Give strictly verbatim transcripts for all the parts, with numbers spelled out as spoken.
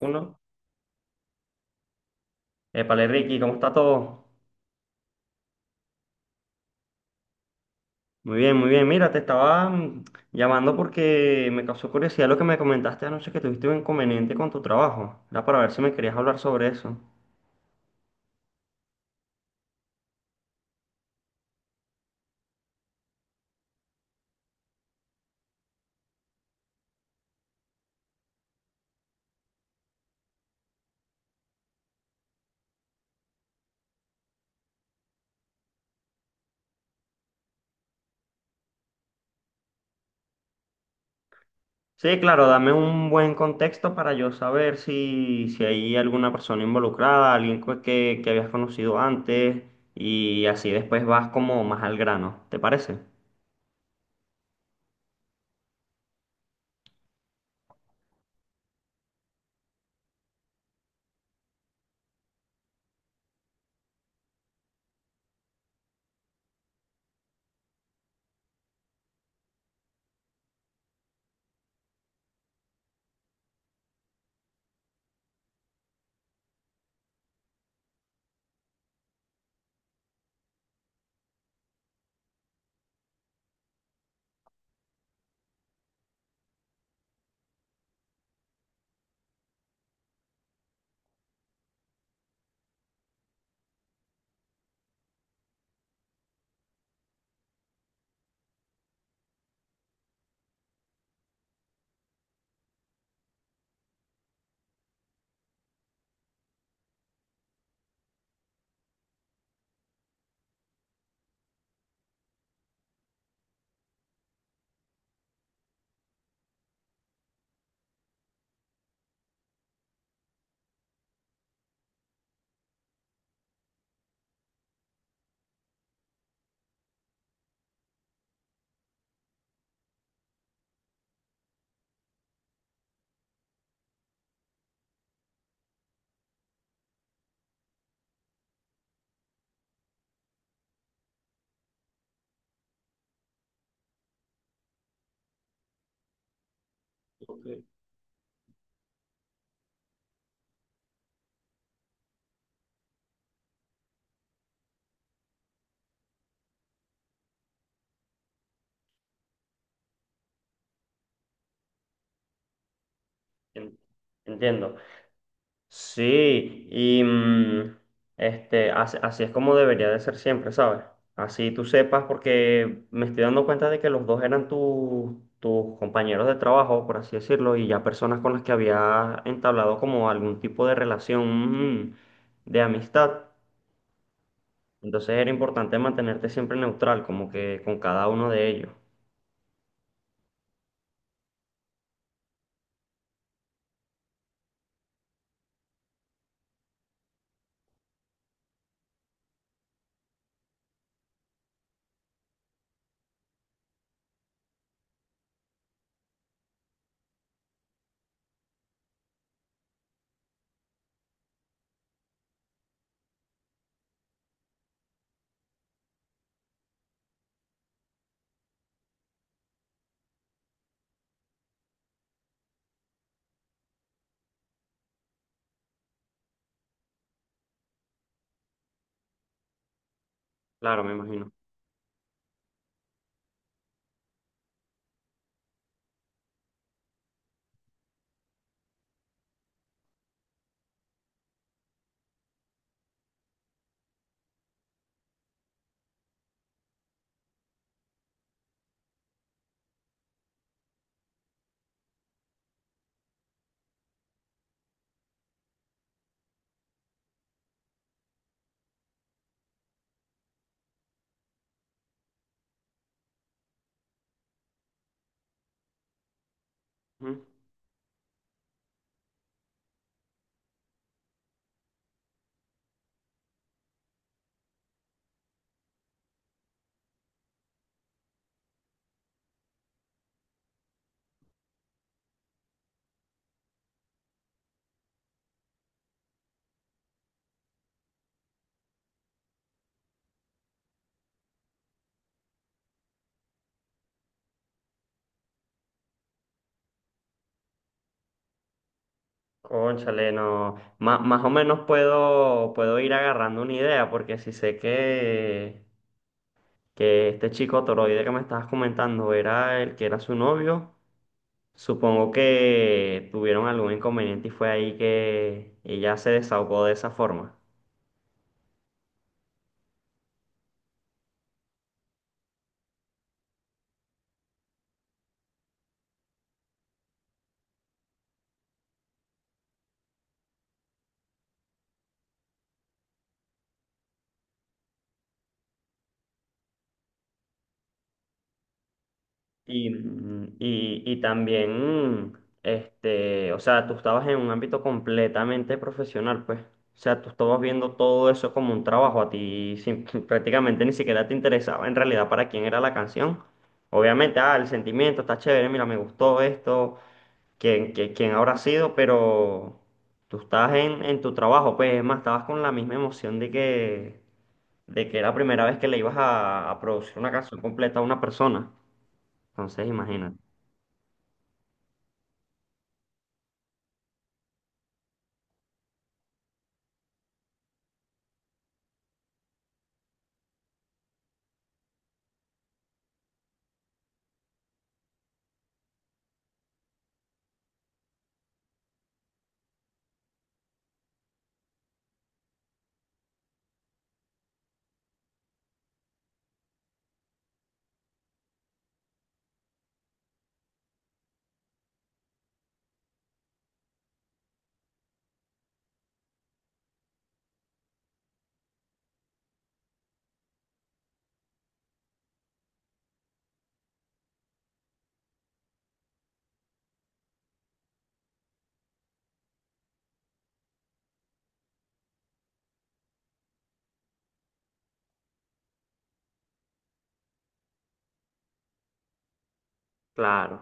Uno. Épale, Ricky, ¿cómo está todo? Muy bien, muy bien. Mira, te estaba mm, llamando porque me causó curiosidad lo que me comentaste anoche que tuviste un inconveniente con tu trabajo. Era para ver si me querías hablar sobre eso. Sí, claro, dame un buen contexto para yo saber si, si hay alguna persona involucrada, alguien cu- que, que habías conocido antes, y así después vas como más al grano. ¿Te parece? Ok. En- Entiendo. Sí, y mm, este, así, así es como debería de ser siempre, ¿sabes? Así tú sepas, porque me estoy dando cuenta de que los dos eran tu- tus compañeros de trabajo, por así decirlo, y ya personas con las que había entablado como algún tipo de relación mm, de amistad. Entonces era importante mantenerte siempre neutral, como que con cada uno de ellos. Claro, me imagino. Ujú. Cónchale, no. Má- más o menos puedo, puedo ir agarrando una idea, porque si sé que, que este chico Toroide que me estabas comentando era el que era su novio. Supongo que tuvieron algún inconveniente y fue ahí que ella se desahogó de esa forma. Y, mm, y, y también, mm, este, o sea, tú estabas en un ámbito completamente profesional, pues. O sea, tú estabas viendo todo eso como un trabajo, a ti sin- prácticamente ni siquiera te interesaba en realidad para quién era la canción. Obviamente, ah, el sentimiento está chévere, mira, me gustó esto quién, qué- quién habrá sido, pero tú estabas en, en tu trabajo, pues es más, estabas con la misma emoción de que, de que era la primera vez que le ibas a, a producir una canción completa a una persona. Entonces, imagínate. Claro,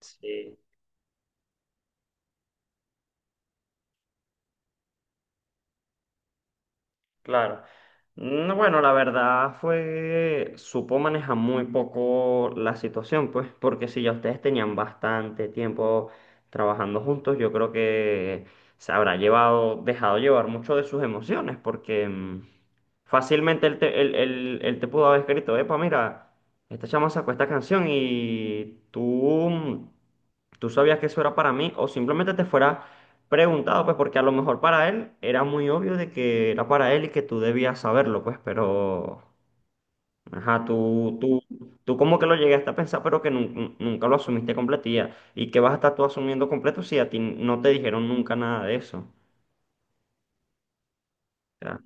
sí. Claro. No, bueno, la verdad fue, supo manejar muy poco la situación, pues, porque si ya ustedes tenían bastante tiempo trabajando juntos, yo creo que se habrá llevado, dejado llevar mucho de sus emociones, porque mm, fácilmente él te, él- él- él te pudo haber escrito, epa, mira, esta chama sacó esta canción y tú, mm, tú sabías que eso era para mí, o simplemente te fuera preguntado, pues, porque a lo mejor para él era muy obvio de que era para él y que tú debías saberlo, pues, pero, ajá, tú, tú, tú como que lo llegaste a pensar, pero que nun- nunca lo asumiste completía. ¿Y que vas a estar tú asumiendo completo si a ti no te dijeron nunca nada de eso? O sea,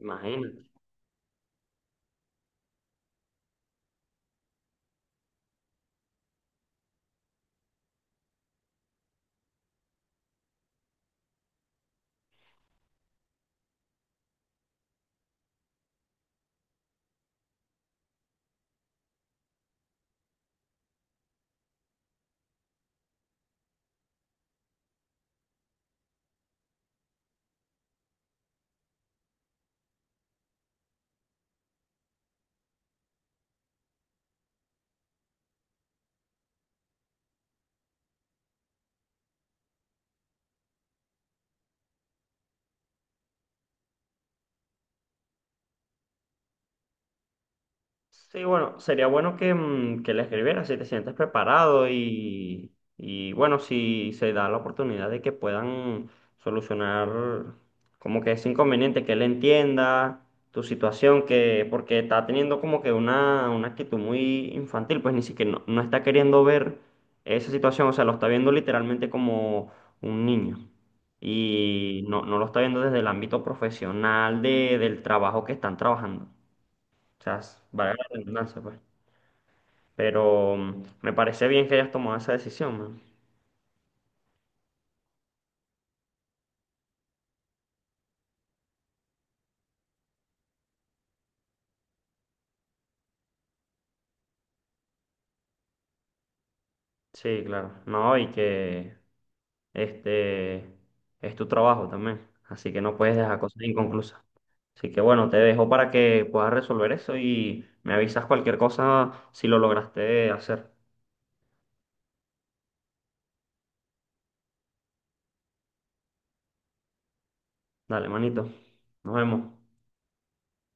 imagínate. Sí, bueno, sería bueno que, mm, que le escribieras si te sientes preparado y, y bueno, si se da la oportunidad de que puedan solucionar como que ese inconveniente, que él entienda tu situación, que porque está teniendo como que una, una actitud muy infantil, pues ni siquiera no, no está queriendo ver esa situación, o sea, lo está viendo literalmente como un niño. Y no, no lo está viendo desde el ámbito profesional de, del trabajo que están trabajando. O sea, s- vale la redundancia, pues. Pero mm, me parece bien que hayas tomado esa decisión, man. Sí, claro. No, y que este es tu trabajo también. Así que no puedes dejar cosas inconclusas. Así que bueno, te dejo para que puedas resolver eso y me avisas cualquier cosa si lo lograste hacer. Dale, manito. Nos vemos.